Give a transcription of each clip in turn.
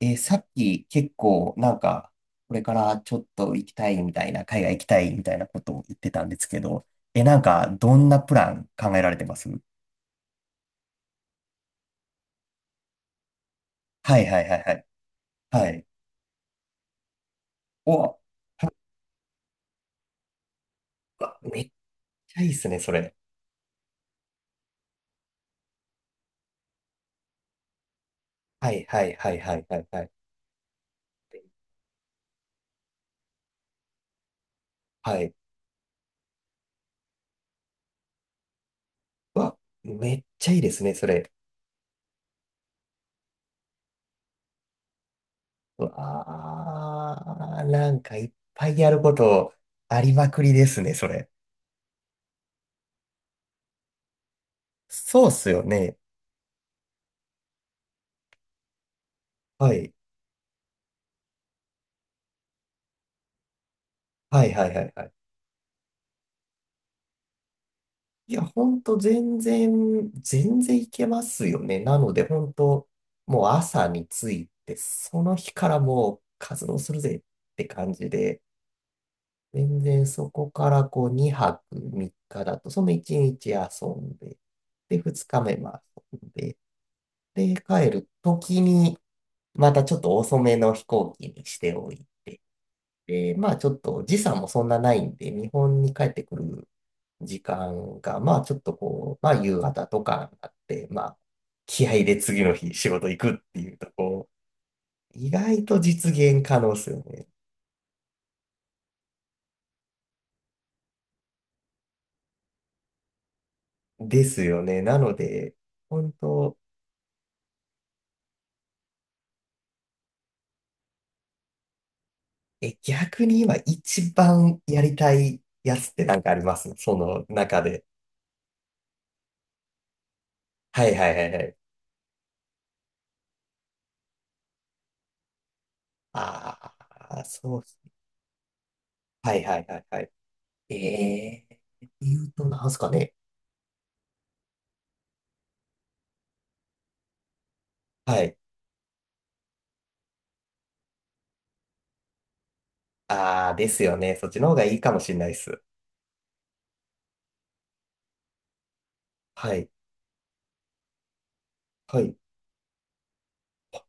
さっき結構なんか、これからちょっと行きたいみたいな、海外行きたいみたいなことを言ってたんですけど、なんか、どんなプラン考えられてます？はいはいはいはい。はい。お、うわめっちゃいいですね、それ。はいはいはいはいはいはい。はい。うわ、めっちゃいいですね、それ。うわー、なんかいっぱいやることありまくりですね、それ。そうっすよね。はい。はいはいはいはい。いや、ほんと全然、全然いけますよね。なので、ほんと、もう朝に着いて、その日からもう活動するぜって感じで、全然そこからこう2泊3日だと、その1日遊んで、で、2日目も遊んで、で、帰る時に、またちょっと遅めの飛行機にしておいて、で、まあちょっと時差もそんなないんで、日本に帰ってくる時間が、まあちょっとこう、まあ夕方とかになって、まあ気合で次の日仕事行くっていうとこ意外と実現可能ですよね。ですよね。なので、本当。逆に今一番やりたいやつってなんかありますその中で？はいはいはいはい。ああ、そうっす。はいはいはいはい。ええー、言うとなんすかね。はい。ああ、ですよね。そっちの方がいいかもしれないです。はい。はい。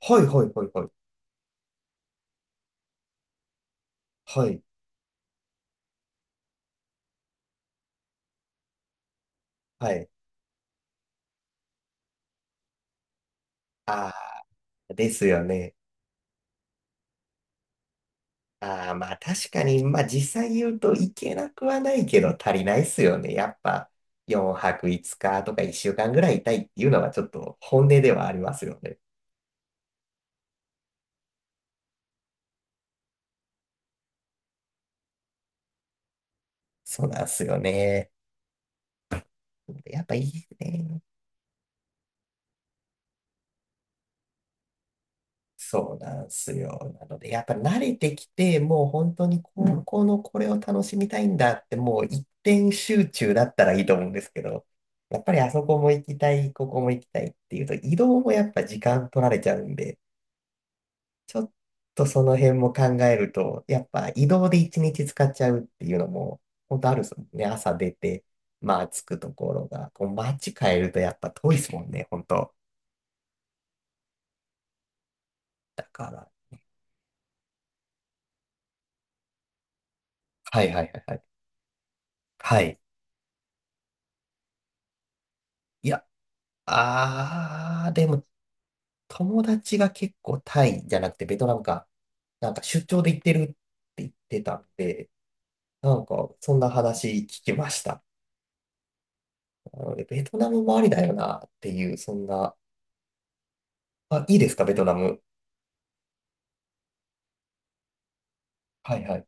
はいはいはいはい。はい。はい。ああ、ですよね。ああ、まあ確かに、まあ実際言うといけなくはないけど足りないっすよね。やっぱ4泊5日とか1週間ぐらいいたいっていうのはちょっと本音ではありますよね。そうなんすよね。やっぱいいですね。そうなんすよ。なので、やっぱ慣れてきて、もう本当にう高ん校のこれを楽しみたいんだって、もう一点集中だったらいいと思うんですけど、やっぱりあそこも行きたい、ここも行きたいっていうと、移動もやっぱ時間取られちゃうんで、ちょっとその辺も考えると、やっぱ移動で一日使っちゃうっていうのも、本当あるですもんね。朝出て、まあ着くところが、こう街変えるとやっぱ遠いですもんね、本当。だから。はいはいはいはい。はい。いやあー、でも、友達が結構タイじゃなくてベトナムか。なんか出張で行ってるって言ってたんで、なんかそんな話聞きました。なのでベトナムもありだよなっていう、そんな。あ、いいですか、ベトナム。はいはい。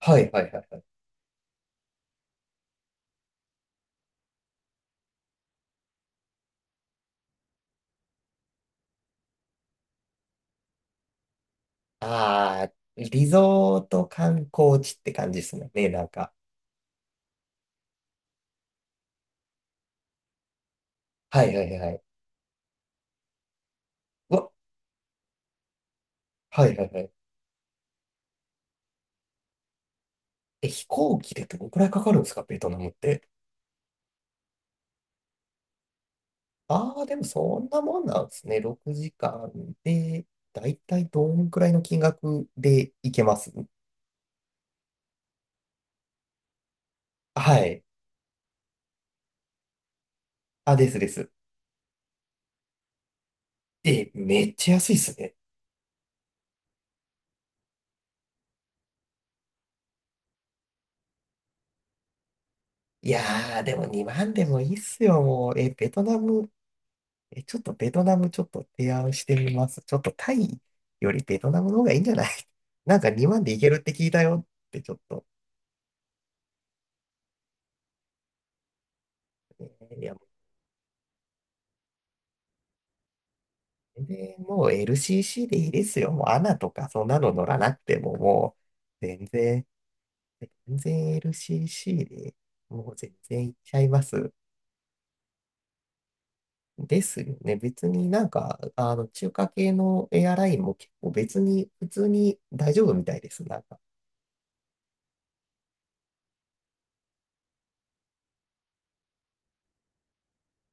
はいはいはいはい。あー、リゾート観光地って感じですね、なんか。はいはいはいはい。うわ、はいはいはい。飛行機でどのくらいかかるんですか、ベトナムって？ああ、でもそんなもんなんですね。6時間で、だいたいどんくらいの金額でいけます？はい。あ、ですです。え、めっちゃ安いっすね。いやー、でも2万でもいいっすよ、もう。ベトナム、ちょっとベトナムちょっと提案してみます。ちょっとタイよりベトナムの方がいいんじゃない？ なんか2万でいけるって聞いたよってちょっと。えいや、もう全然もう LCC でいいですよ。もうアナとかそんなの乗らなくてももう。全然全然 LCC でもう全然いっちゃいます。ですよね。別になんか、あの、中華系のエアラインも結構別に、普通に大丈夫みたいです。なんか、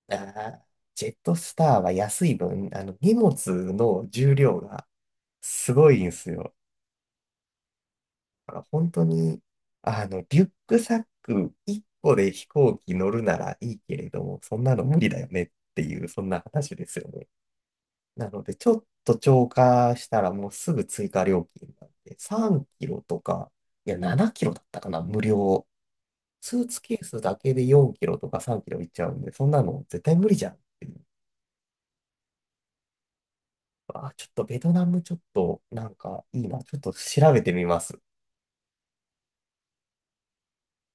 あージェットスターは安い分、あの、荷物の重量がすごいんですよ。だから本当に、あの、リュックサック1個で飛行機乗るならいいけれども、そんなの無理だよねっていう、そんな話ですよね。なので、ちょっと超過したらもうすぐ追加料金なんで、3キロとか、いや、7キロだったかな、無料。スーツケースだけで4キロとか3キロいっちゃうんで、そんなの絶対無理じゃんっていう。あー、ちょっとベトナムちょっとなんかいいな。ちょっと調べてみます。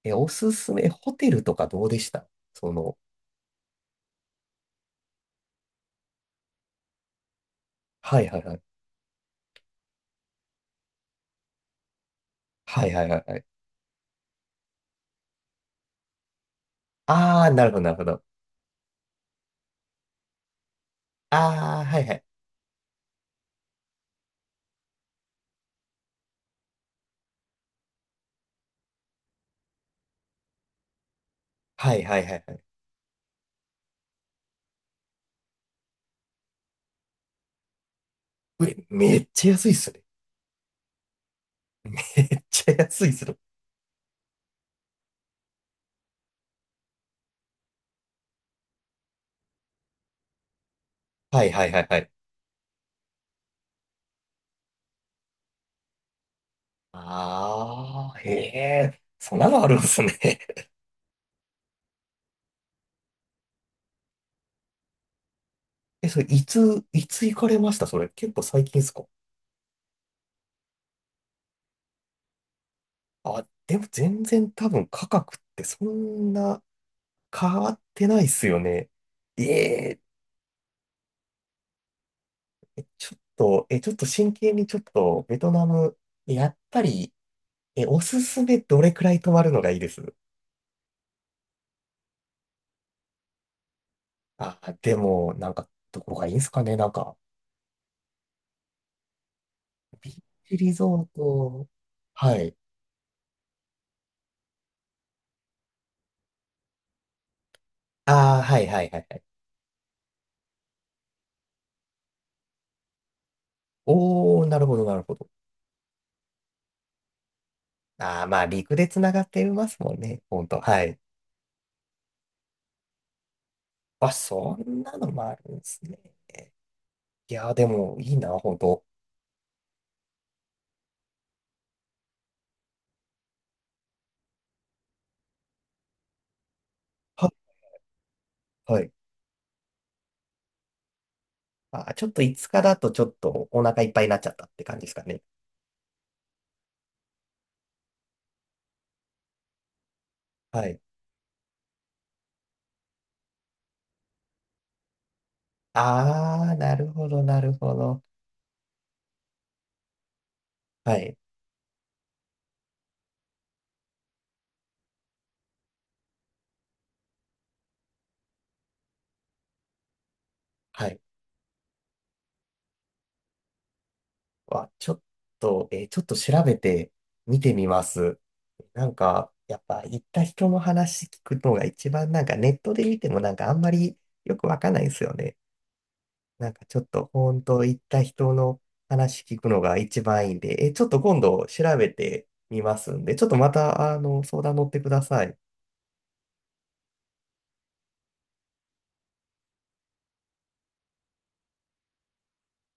おすすめ、ホテルとかどうでしたその？はいはいはい。はいはいはいはい。あー、なるほどなるほど。あー、はいはい。はいはいはいはい。うえ、めっちゃ安いっすね。めっちゃ安いっすね。はいはいはいはい。ああ、へえ、そんなのあるんですね。それ、いつ行かれましたそれ、結構最近っすか？あ、でも全然多分価格ってそんな変わってないっすよね。ええ、ちょっと、ちょっと真剣にちょっと、ベトナム、やっぱり、おすすめどれくらい泊まるのがいいです？あ、でも、なんか、どこがいいんすかねなんか、ビーチリゾート、はい。ああ、はいはいはいはい。おー、なるほどなるほど。ああ、まあ、陸で繋がってますもんね。ほんと。はい。あ、そんなのもあるんですね。いやー、でも、いいな、ほんと。は、はい。あ、ちょっと5日だとちょっとお腹いっぱいになっちゃったって感じですかね。はい。ああ、なるほど、なるほど。はい。はい。わ、ちょっと、ちょっと調べて見てみます。なんか、やっぱ行った人の話聞くのが一番なんかネットで見てもなんかあんまりよくわかんないですよね。なんかちょっと本当行った人の話聞くのが一番いいんで、ちょっと今度調べてみますんで、ちょっとまたあの相談乗ってください。